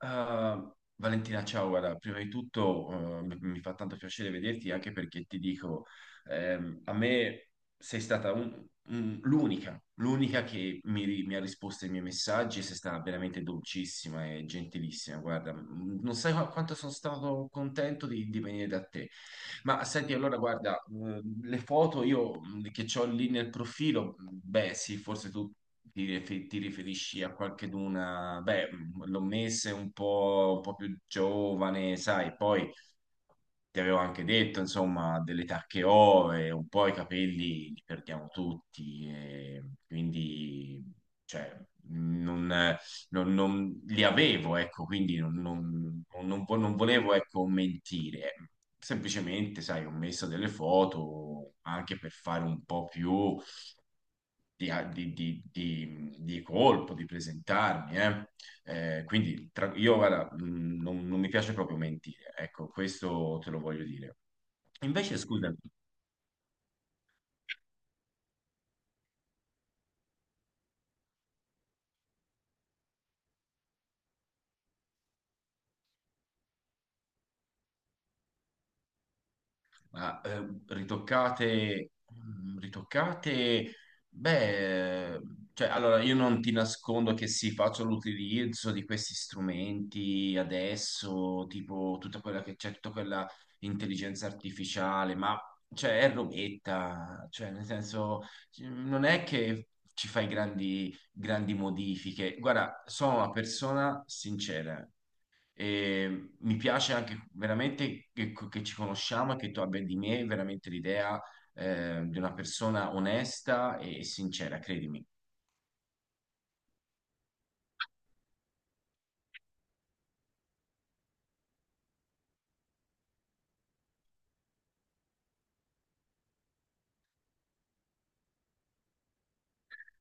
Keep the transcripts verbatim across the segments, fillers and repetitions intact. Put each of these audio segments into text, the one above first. Ah, Valentina, ciao, guarda, prima di tutto eh, mi, mi fa tanto piacere vederti anche perché ti dico, ehm, a me sei stata un- Mm, L'unica, l'unica che mi, ri- mi ha risposto ai miei messaggi è stata veramente dolcissima e gentilissima. Guarda, mm, non sai qua- quanto sono stato contento di, di venire da te. Ma senti, allora, guarda, eh, le foto io mm, che ho lì nel profilo, mm, beh, sì, forse tu ti, rifer- ti riferisci a qualcheduna, beh, mm, l'ho messa un po', un po' più giovane, sai, poi ti avevo anche detto, insomma, dell'età che ho e un po' i capelli li perdiamo tutti, e quindi, cioè, non, non- non- li avevo, ecco, quindi non, non- non vo- non volevo, ecco, mentire. Semplicemente, sai, ho messo delle foto anche per fare un po' più di, di- di- di- di colpo, di presentarmi, eh. Eh, quindi tra- io guarda, mh, non, non mi piace proprio mentire, ecco, questo te lo voglio dire. Invece, scusami, ma eh, ritoccate, mm, ritoccate, beh, cioè, allora io non ti nascondo che sì, faccio l'utilizzo di questi strumenti adesso, tipo tutta quella che c'è, tutta quella intelligenza artificiale, ma cioè, è robetta, cioè, nel senso, non è che ci fai grandi, grandi modifiche. Guarda, sono una persona sincera. E mi piace anche veramente che, che ci conosciamo e che tu abbia di me veramente l'idea eh, di una persona onesta e sincera, credimi.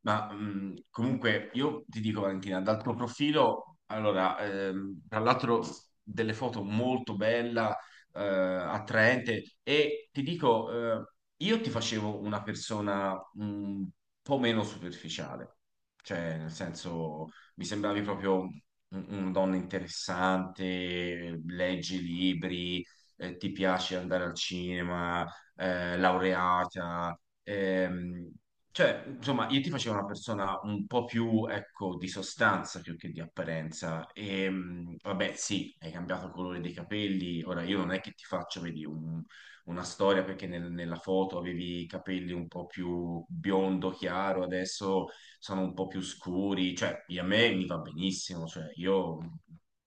Ma mh, comunque io ti dico Valentina, dal tuo profilo, allora, ehm, tra l'altro delle foto molto bella, eh, attraente e ti dico, eh, io ti facevo una persona mh, un po' meno superficiale, cioè nel senso mi sembravi proprio un- una donna interessante, leggi libri, eh, ti piace andare al cinema, eh, laureata. Ehm, cioè, insomma, io ti facevo una persona un po' più, ecco, di sostanza più che di apparenza. E, mh, vabbè, sì, hai cambiato il colore dei capelli. Ora, io non è che ti faccio, vedi, un- una storia perché nel- nella foto avevi i capelli un po' più biondo chiaro, adesso sono un po' più scuri. Cioè, a me mi va benissimo. Cioè, io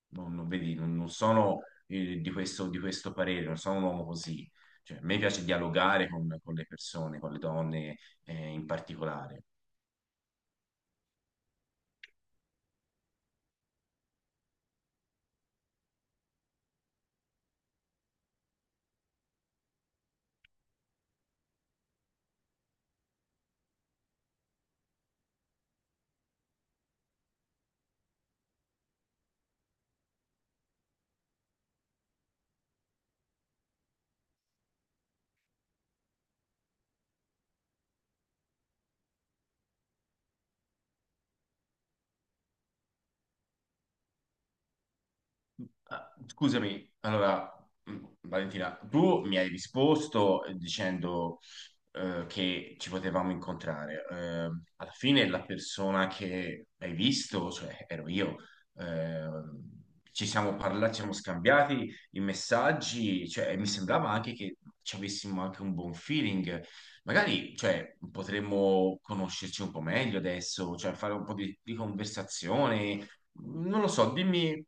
non, non- vedi, non, non sono, eh, di questo, di questo parere, non sono un uomo così. Cioè, a me piace dialogare con con le persone, con le donne eh, in particolare. Ah, scusami, allora, mh, Valentina, tu mi hai risposto eh, dicendo eh, che ci potevamo incontrare. Eh, alla fine la persona che hai visto, cioè ero io, eh, ci siamo parlati, ci siamo scambiati i messaggi, cioè, e mi sembrava anche che ci avessimo anche un buon feeling. Magari, cioè, potremmo conoscerci un po' meglio adesso, cioè fare un po' di, di conversazione Non lo so, dimmi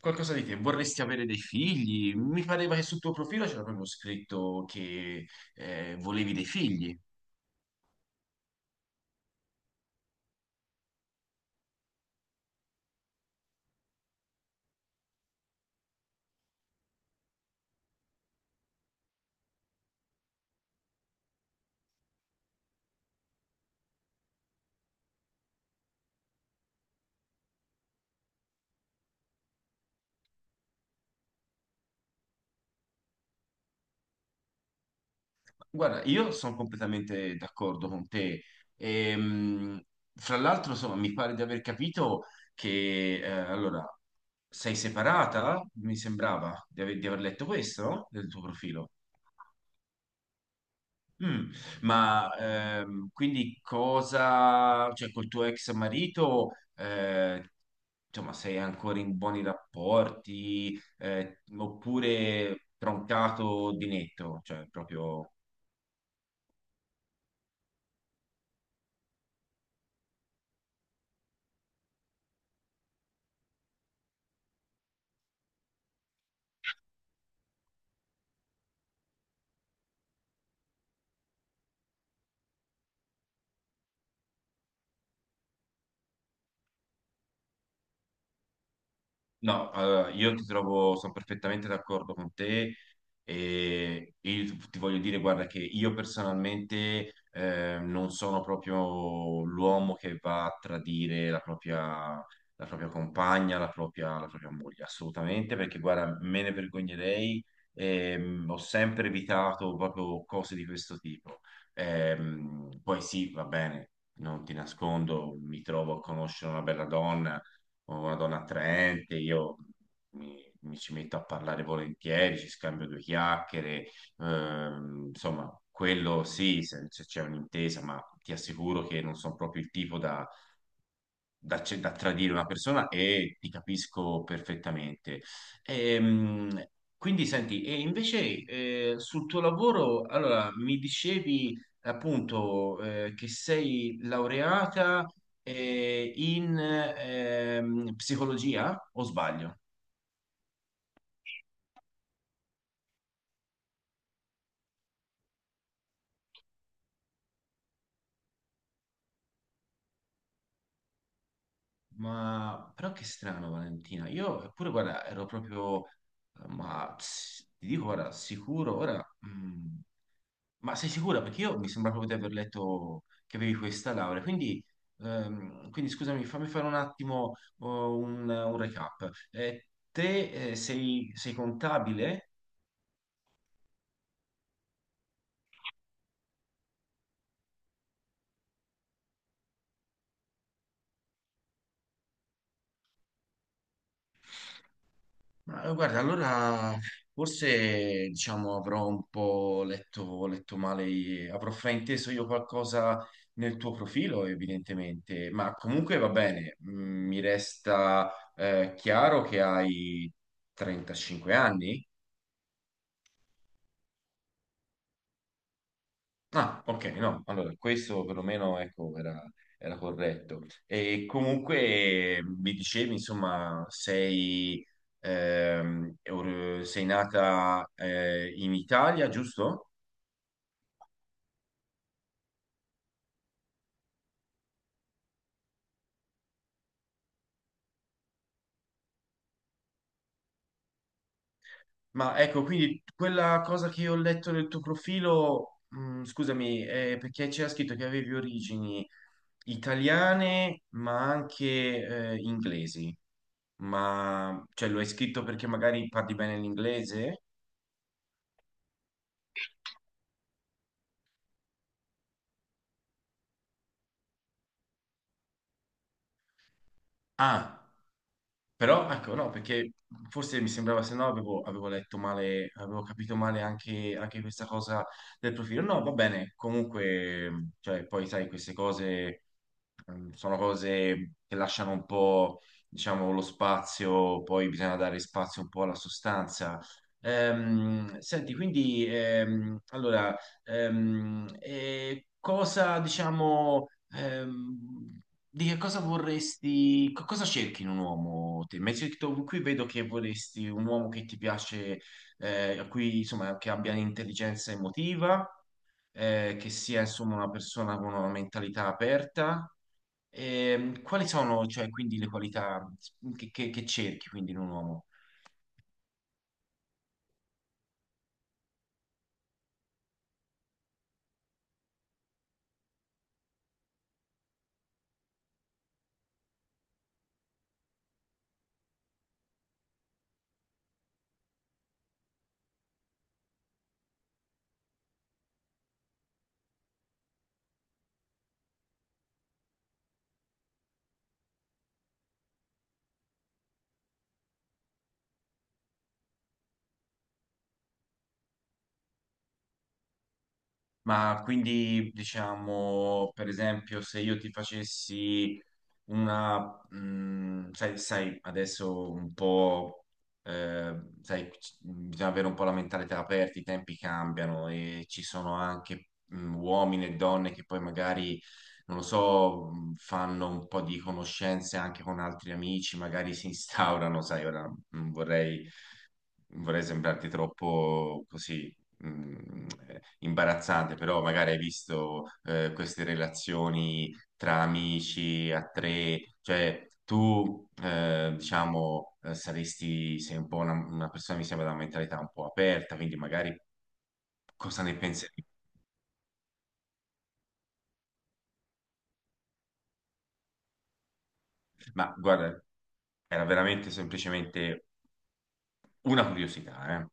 qualcosa di te. Vorresti avere dei figli? Mi pareva che sul tuo profilo c'era proprio scritto che eh, volevi dei figli. Guarda, io sono completamente d'accordo con te. Ehm, fra l'altro, insomma, mi pare di aver capito che eh, allora sei separata? Mi sembrava di aver, di aver letto questo, no? Del tuo profilo. Mm, ma ehm, quindi cosa, cioè col tuo ex marito, eh, insomma, sei ancora in buoni rapporti, eh, oppure troncato di netto, cioè proprio... No, allora, io ti trovo, sono perfettamente d'accordo con te e io ti voglio dire, guarda, che io personalmente eh, non sono proprio l'uomo che va a tradire la propria, la propria compagna, la propria, la propria moglie, assolutamente, perché guarda, me ne vergognerei, ehm, ho sempre evitato proprio cose di questo tipo. Ehm, poi sì, va bene, non ti nascondo, mi trovo a conoscere una bella donna o una donna attraente, io mi, mi ci metto a parlare volentieri, ci scambio due chiacchiere, ehm, insomma, quello sì, se, se c'è un'intesa, ma ti assicuro che non sono proprio il tipo da da, ce- da tradire una persona e ti capisco perfettamente. Ehm, quindi senti, e invece eh, sul tuo lavoro, allora mi dicevi appunto eh, che sei laureata eh, in ehm, psicologia o sbaglio? Ma però che strano Valentina, io pure guarda ero proprio, ma ps- ti dico guarda, sicuro, ora mm, ma sei sicura? Perché io mi sembra proprio di aver letto che avevi questa laurea. Quindi, ehm, quindi scusami, fammi fare un attimo oh, un, un recap. Eh, te eh, sei, sei contabile? Ma eh, guarda, allora forse diciamo avrò un po' letto, letto male, eh, avrò frainteso io qualcosa nel tuo profilo, evidentemente. Ma comunque va bene, mm, mi resta eh, chiaro che hai trentacinque anni. Ah, ok, no, allora questo perlomeno ecco, era, era corretto. E comunque eh, mi dicevi, insomma, sei, ehm, or- sei nata eh, in Italia, giusto? Ma ecco, quindi quella cosa che io ho letto nel tuo profilo, mh, scusami, eh, perché c'era scritto che avevi origini italiane, ma anche eh, inglesi. Ma cioè, lo hai scritto perché magari parli bene l'inglese? Ah. Però ecco, no, perché forse mi sembrava, se no avevo, avevo letto male, avevo capito male anche, anche questa cosa del profilo. No, va bene, comunque, cioè, poi sai, queste cose ehm, sono cose che lasciano un po', diciamo, lo spazio, poi bisogna dare spazio un po' alla sostanza. Ehm, senti, quindi, ehm, allora, ehm, eh, cosa, diciamo... Ehm, di che cosa vorresti, co- cosa cerchi in un uomo te? Mi hai detto, qui vedo che vorresti un uomo che ti piace, eh, a cui, insomma, che abbia intelligenza emotiva, eh, che sia insomma una persona con una mentalità aperta. Ehm, quali sono, cioè, quindi le qualità che, che- che cerchi quindi in un uomo? Ma quindi, diciamo, per esempio, se io ti facessi una, mm, sai, sai, adesso un po', eh, sai, c- mm, bisogna avere un po' la mentalità aperta, i tempi cambiano e ci sono anche, mm, uomini e donne che poi magari, non lo so, mm, fanno un po' di conoscenze anche con altri amici, magari si instaurano, sai, ora non vorrei vorrei sembrarti troppo così mh, eh, imbarazzante, però magari hai visto eh, queste relazioni tra amici a tre, cioè tu eh, diciamo eh, saresti, sei un po' una, una persona mi sembra da una mentalità un po' aperta, quindi magari cosa ne pensi? Ma guarda, era veramente semplicemente una curiosità, eh.